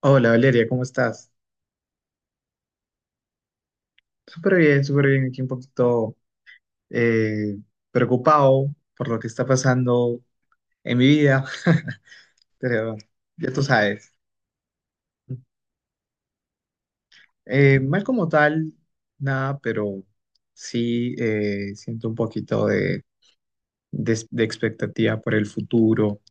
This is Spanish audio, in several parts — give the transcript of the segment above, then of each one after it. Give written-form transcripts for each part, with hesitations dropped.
Hola Valeria, ¿cómo estás? Súper bien, súper bien. Aquí un poquito eh, preocupado por lo que está pasando en mi vida, pero ya tú sabes. Mal como tal, nada, pero sí siento un poquito de expectativa por el futuro.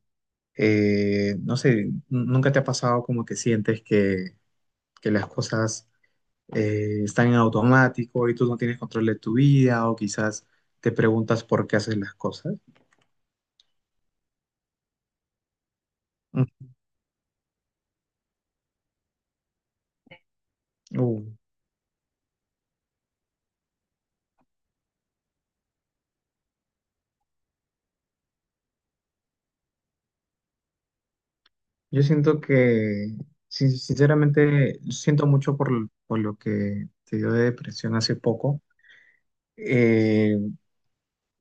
No sé, ¿nunca te ha pasado como que sientes que las cosas están en automático y tú no tienes control de tu vida, o quizás te preguntas por qué haces las cosas? Mm, uh, yo siento que, sinceramente, siento mucho por lo que te dio de depresión hace poco. Eh,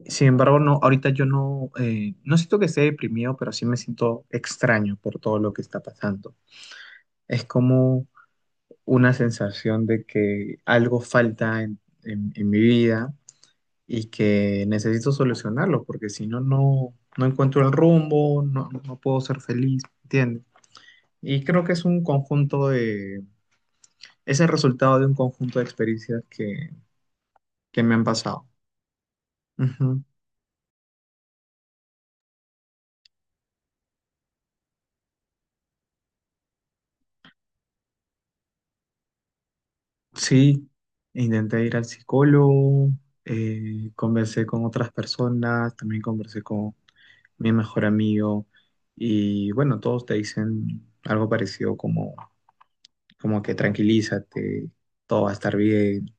Sin embargo, no, ahorita yo no, no siento que esté deprimido, pero sí me siento extraño por todo lo que está pasando. Es como una sensación de que algo falta en mi vida y que necesito solucionarlo, porque si no, no encuentro el rumbo, no puedo ser feliz, ¿entiendes? Y creo que es es el resultado de un conjunto de experiencias que me han pasado. Ujú. Sí, intenté ir al psicólogo, conversé con otras personas, también conversé con mi mejor amigo, y bueno, todos te dicen algo parecido como que tranquilízate, todo va a estar bien,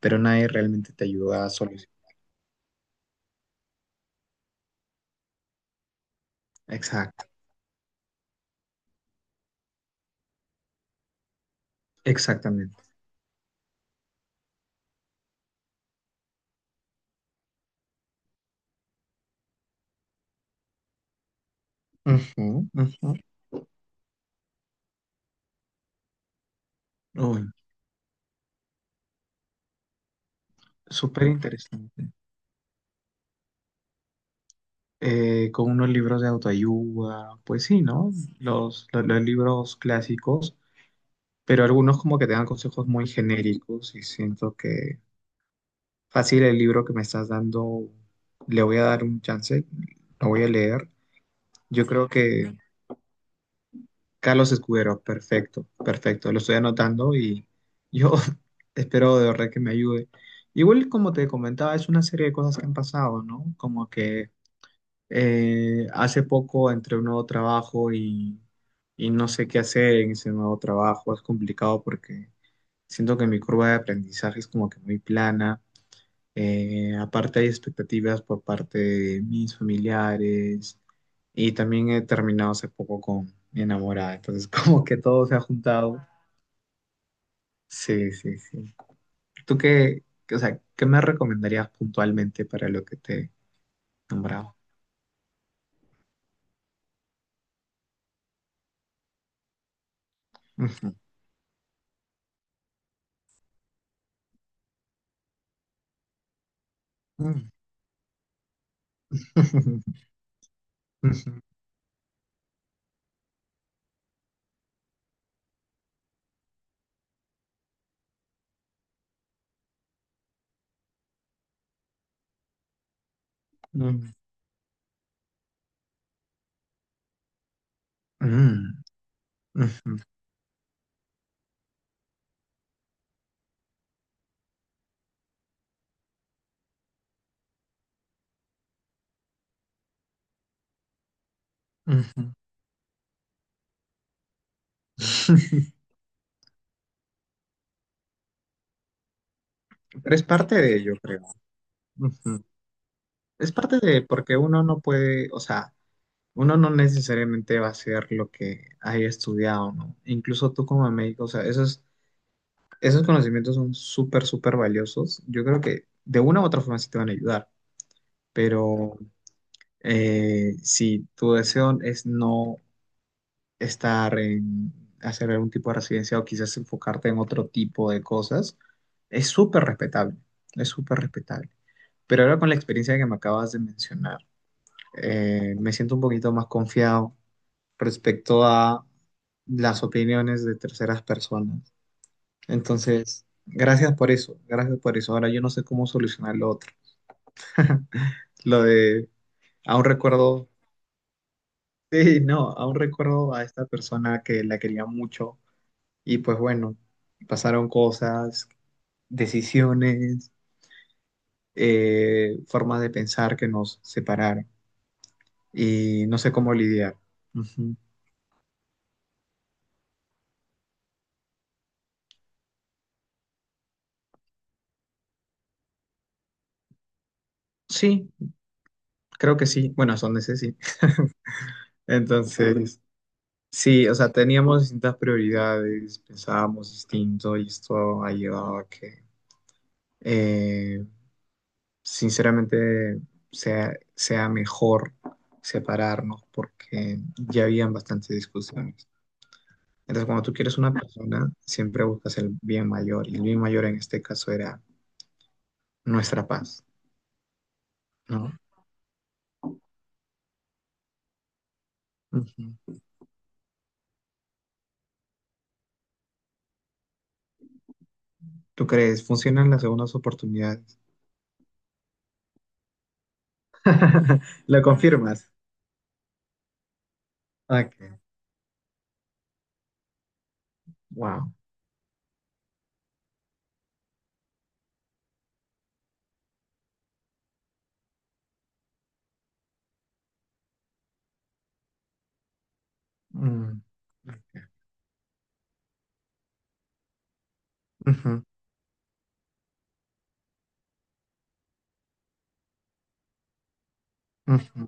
pero nadie realmente te ayuda a solucionar. Exacto, exactamente. Ujú, ujú. Uy, súper interesante. Con unos libros de autoayuda, pues sí, ¿no? Los libros clásicos, pero algunos como que te dan consejos muy genéricos y siento que fácil el libro que me estás dando, le voy a dar un chance, lo voy a leer. Yo creo que Carlos Escudero, perfecto, perfecto. Lo estoy anotando y yo espero de verdad que me ayude. Igual, como te comentaba, es una serie de cosas que han pasado, ¿no? Como que hace poco entré a un nuevo trabajo y no sé qué hacer en ese nuevo trabajo. Es complicado porque siento que mi curva de aprendizaje es como que muy plana. Aparte hay expectativas por parte de mis familiares y también he terminado hace poco con mi enamorada, entonces como que todo se ha juntado. Sí, sí, sí. ¿Tú o sea, qué me recomendarías puntualmente para lo que te he nombrado? Ujú. Mm. Ujú. Mm. Mm. Ujú. Ujú. Pero es parte de ello, creo. Ujú. Es parte de porque uno no puede, o sea, uno no necesariamente va a ser lo que haya estudiado, ¿no? Incluso tú como médico, o sea, esos conocimientos son súper, súper valiosos. Yo creo que de una u otra forma sí te van a ayudar, pero si tu deseo es no estar en hacer algún tipo de residencia o quizás enfocarte en otro tipo de cosas, es súper respetable, es súper respetable. Pero ahora con la experiencia que me acabas de mencionar, me siento un poquito más confiado respecto a las opiniones de terceras personas. Entonces, gracias por eso, gracias por eso. Ahora yo no sé cómo solucionar lo otro. Lo de, Aún recuerdo, sí, no, aún recuerdo a esta persona que la quería mucho y pues bueno, pasaron cosas, decisiones, formas de pensar que nos separaron y no sé cómo lidiar. Ujú. Sí, creo que sí. Bueno, son de ese sí. Entonces, sí, o sea, teníamos distintas prioridades, pensábamos distinto y esto ha llevado a que, eh, sinceramente, sea mejor separarnos porque ya habían bastantes discusiones. Entonces, cuando tú quieres una persona, siempre buscas el bien mayor y el bien mayor en este caso era nuestra paz, ¿no? Ujú. ¿Tú crees? ¿Funcionan las segundas oportunidades? ¿Lo confirmas? Ok, wow. Mm. Ok. Ujú, ujú.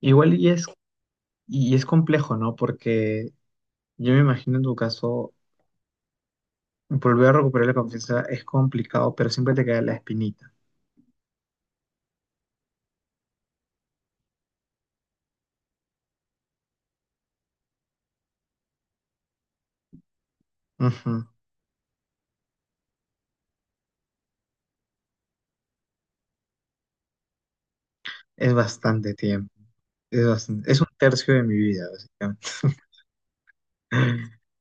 Igual y es complejo, ¿no? Porque yo me imagino en tu caso, volver a recuperar la confianza es complicado, pero siempre te queda la espinita. Ujú. Es bastante tiempo. Es un tercio de mi vida, básicamente.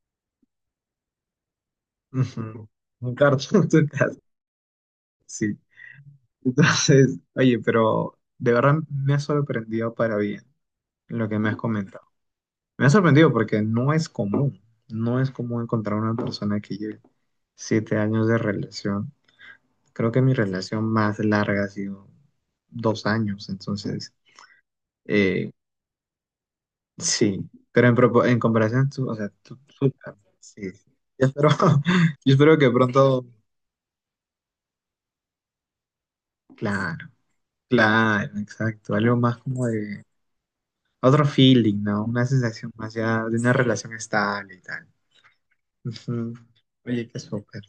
Ujú. Un tercio de tu caso, sí. Entonces, oye, pero de verdad me ha sorprendido para bien lo que me has comentado. Me ha sorprendido porque no es común. No es común encontrar una persona que lleve 7 años de relación. Creo que mi relación más larga ha sido 2 años, entonces, eh, sí, pero en comparación, tú, o sea, sí, sí. Yo espero, yo espero que pronto, claro, claro, exacto, algo más como de otro feeling, ¿no? Una sensación más ya de una relación estable y tal. Ujú. Oye, qué súper.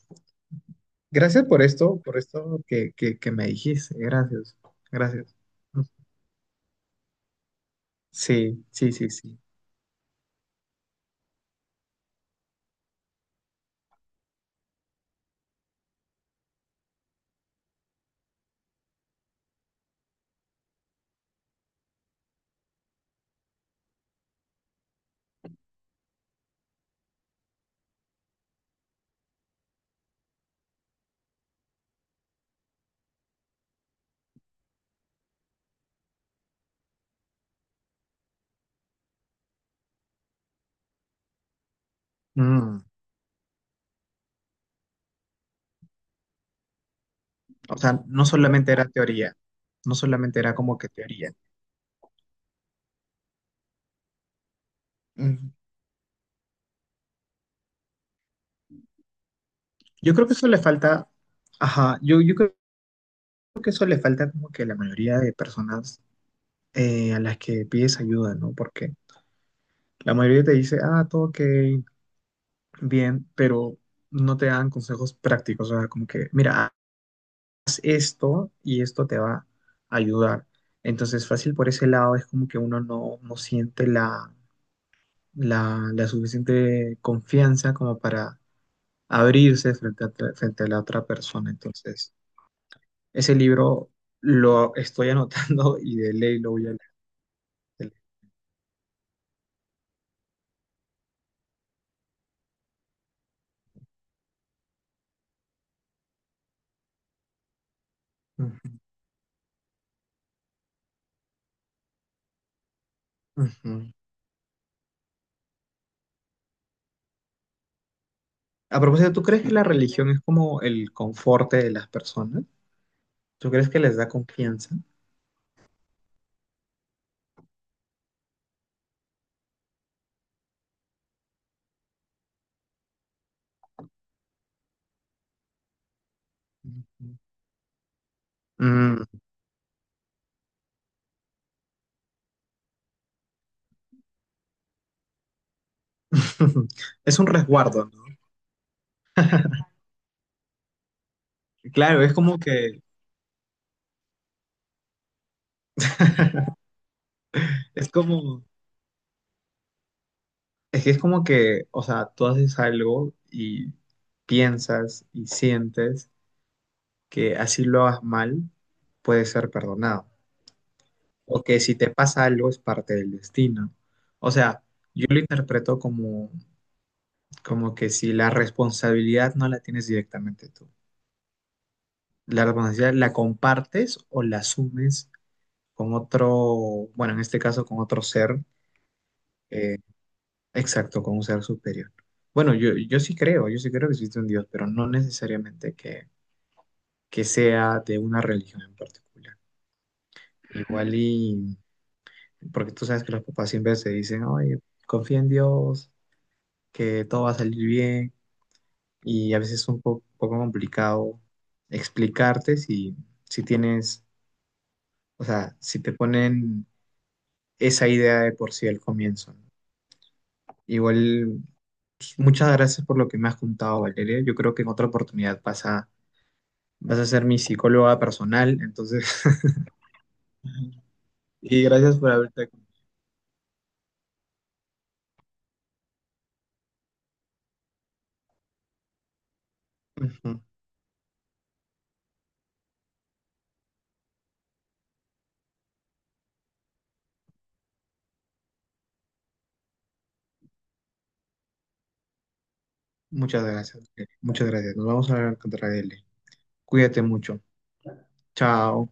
Gracias por esto que me dijiste, gracias, gracias. Sí, sí, sí, sí. Mm. O sea, no solamente era teoría, no solamente era como que teoría. Mm, Yo creo que eso le falta, ajá, yo creo que eso le falta como que a la mayoría de personas a las que pides ayuda, ¿no? Porque la mayoría te dice, ah, todo ok, bien, pero no te dan consejos prácticos, o sea, como que, mira, haz esto y esto te va a ayudar. Entonces, fácil por ese lado es como que uno no siente la suficiente confianza como para abrirse frente a la otra persona. Entonces, ese libro lo estoy anotando y de ley lo voy a leer. De ley. Ujú, ujú. A propósito, ¿tú crees que la religión es como el conforte de las personas? ¿Tú crees que les da confianza? Ujú. Mm. Es un resguardo, ¿no? Claro, es como, es que es como que, o sea, tú haces algo y piensas y sientes que así lo hagas mal, puede ser perdonado. O que si te pasa algo es parte del destino. O sea, yo lo interpreto como que si la responsabilidad no la tienes directamente tú. La responsabilidad la compartes o la asumes con otro, bueno, en este caso con otro ser, eh, exacto, con un ser superior. Bueno, yo sí creo que existe un Dios, pero no necesariamente que sea de una religión en particular. Igual y, Porque tú sabes que los papás siempre se dicen, oye, confía en Dios, que todo va a salir bien, y a veces es un poco complicado explicarte si, tienes, o sea, si te ponen esa idea de por sí al comienzo, ¿no? Igual, pues, muchas gracias por lo que me has contado, Valeria. Yo creo que en otra oportunidad vas a ser mi psicóloga personal, entonces, y gracias por haberte... Ujú. Muchas gracias, Valeria. Muchas gracias. Nos vamos a encontrar, L. Cuídate mucho. Chao.